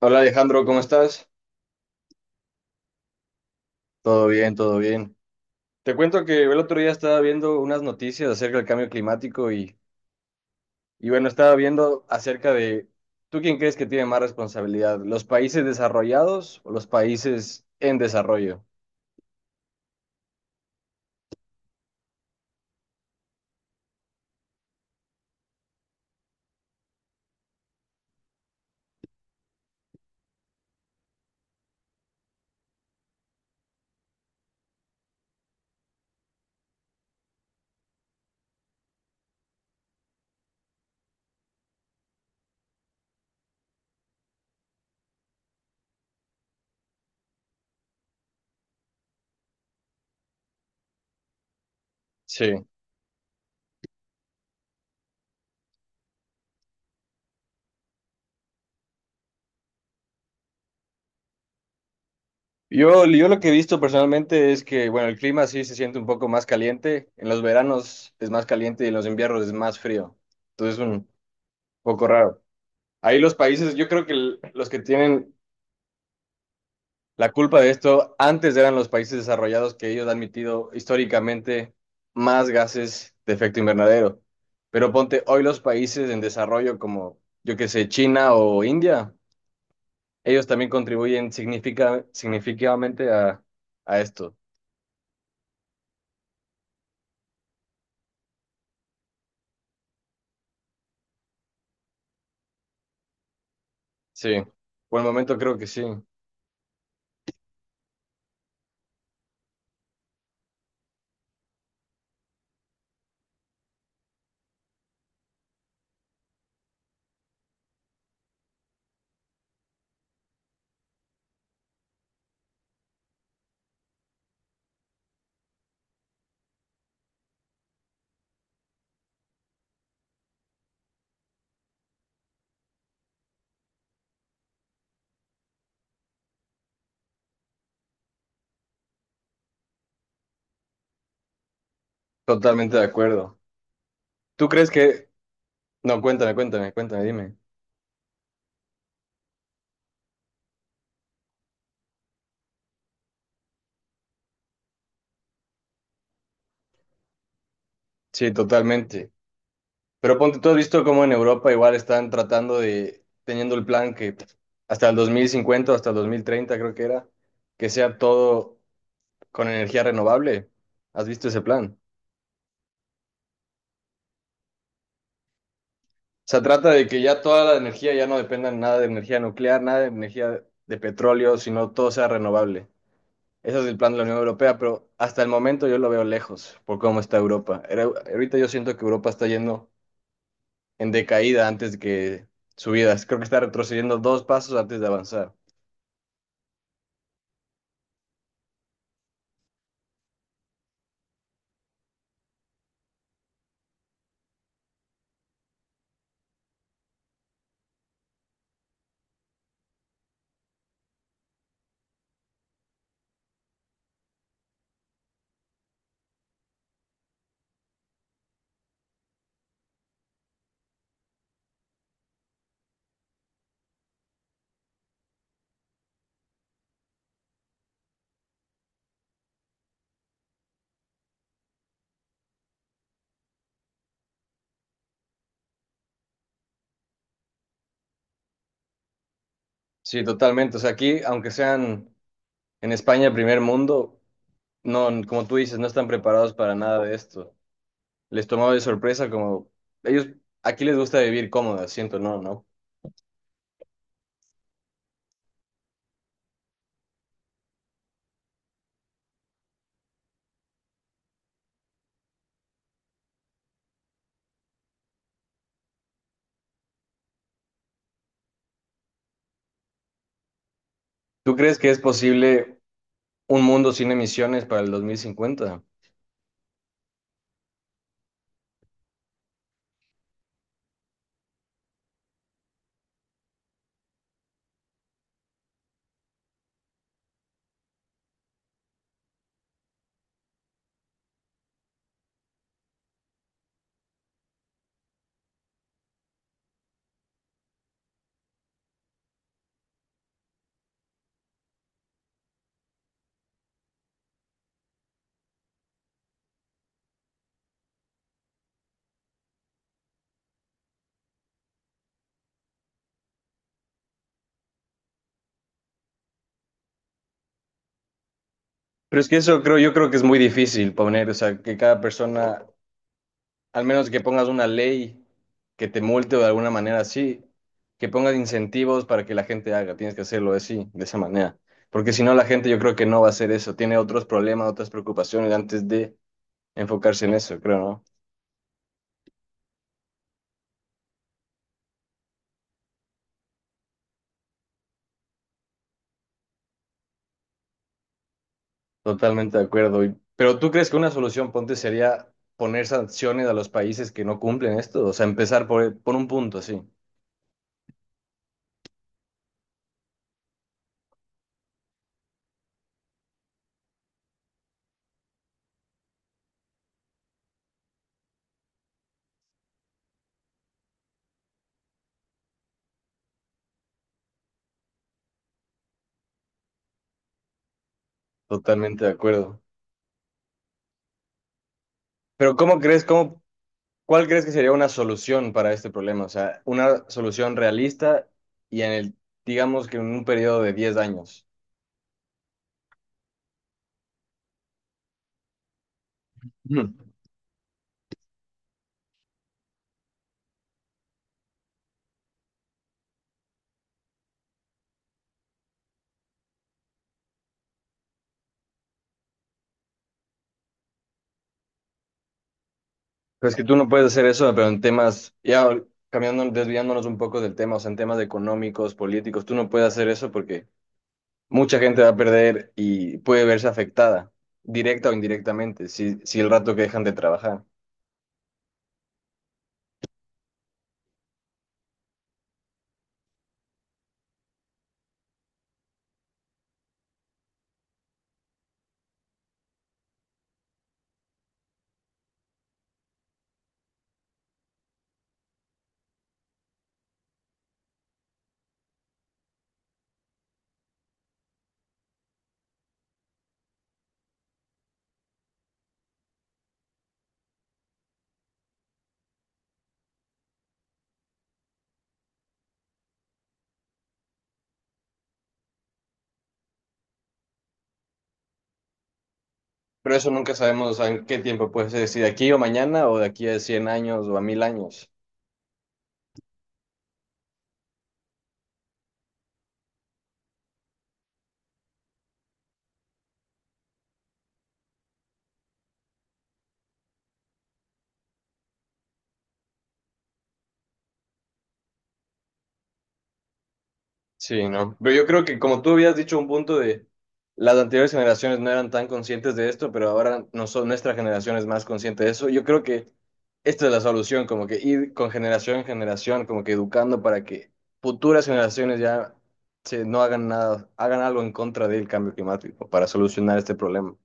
Hola Alejandro, ¿cómo estás? Todo bien, todo bien. Te cuento que el otro día estaba viendo unas noticias acerca del cambio climático y bueno, estaba viendo acerca de, ¿tú quién crees que tiene más responsabilidad? ¿Los países desarrollados o los países en desarrollo? Sí. Yo lo que he visto personalmente es que, bueno, el clima sí se siente un poco más caliente, en los veranos es más caliente y en los inviernos es más frío. Entonces es un poco raro. Ahí los países, yo creo que los que tienen la culpa de esto, antes eran los países desarrollados, que ellos han emitido históricamente más gases de efecto invernadero. Pero ponte, hoy los países en desarrollo como, yo qué sé, China o India, ellos también contribuyen significativamente a esto. Sí, por el momento creo que sí, totalmente de acuerdo. ¿Tú crees que... No, cuéntame, cuéntame, cuéntame, dime. Sí, totalmente. Pero ponte, tú has visto cómo en Europa igual están tratando de, teniendo el plan que hasta el 2050, hasta el 2030 creo que era, que sea todo con energía renovable. ¿Has visto ese plan? Se trata de que ya toda la energía ya no dependa nada de energía nuclear, nada de energía de petróleo, sino todo sea renovable. Ese es el plan de la Unión Europea, pero hasta el momento yo lo veo lejos por cómo está Europa. Ahorita yo siento que Europa está yendo en decaída antes de que subidas. Creo que está retrocediendo dos pasos antes de avanzar. Sí, totalmente. O sea, aquí, aunque sean en España primer mundo, no, como tú dices, no están preparados para nada de esto. Les tomaba de sorpresa como ellos, aquí les gusta vivir cómodo, siento, no, ¿no? ¿Tú crees que es posible un mundo sin emisiones para el 2050? Pero es que eso creo, yo creo que es muy difícil poner, o sea, que cada persona, al menos que pongas una ley que te multe o de alguna manera así, que pongas incentivos para que la gente haga, tienes que hacerlo así, de esa manera. Porque si no, la gente yo creo que no va a hacer eso, tiene otros problemas, otras preocupaciones antes de enfocarse en eso, creo, ¿no? Totalmente de acuerdo. Y- pero ¿tú crees que una solución, ponte, sería poner sanciones a los países que no cumplen esto? O sea, empezar por un punto, sí, totalmente de acuerdo. Pero ¿cómo crees, cómo, ¿cuál crees que sería una solución para este problema? O sea, una solución realista y en el, digamos que en un periodo de 10 años. Ujú. Pues que tú no puedes hacer eso, pero en temas, ya cambiando, desviándonos un poco del tema, o sea, en temas económicos, políticos, tú no puedes hacer eso porque mucha gente va a perder y puede verse afectada, directa o indirectamente, si el rato que dejan de trabajar. Pero eso nunca sabemos, o sea, en qué tiempo puede ser, si de aquí o mañana o de aquí a 100 años o a 1.000 años. Sí, no. Pero yo creo que como tú habías dicho un punto de las anteriores generaciones no eran tan conscientes de esto, pero ahora no son, nuestra generación es más consciente de eso. Yo creo que esta es la solución, como que ir con generación en generación, como que educando para que futuras generaciones ya se, no hagan nada, hagan algo en contra del cambio climático para solucionar este problema.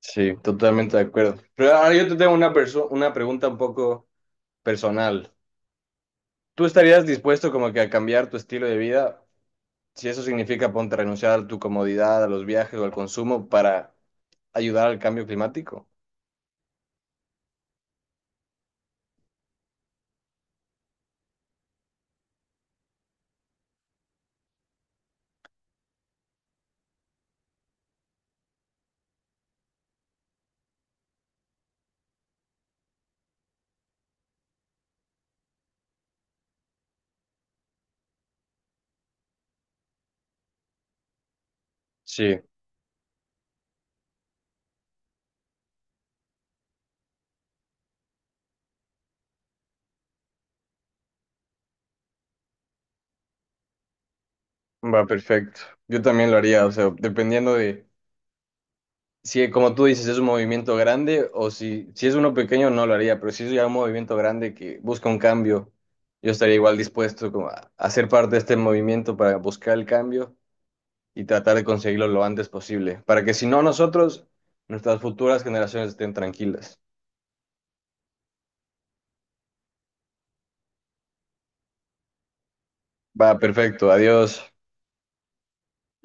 Sí, totalmente de acuerdo. Pero ahora yo te tengo una una pregunta un poco personal. ¿Tú estarías dispuesto como que a cambiar tu estilo de vida? Si eso significa, ponte, a renunciar a tu comodidad, a los viajes o al consumo para ayudar al cambio climático. Sí, va perfecto. Yo también lo haría, o sea, dependiendo de si, como tú dices, es un movimiento grande o si es uno pequeño, no lo haría, pero si es ya un movimiento grande que busca un cambio, yo estaría igual dispuesto como a ser parte de este movimiento para buscar el cambio y tratar de conseguirlo lo antes posible, para que si no nosotros, nuestras futuras generaciones estén tranquilas. Va perfecto, adiós.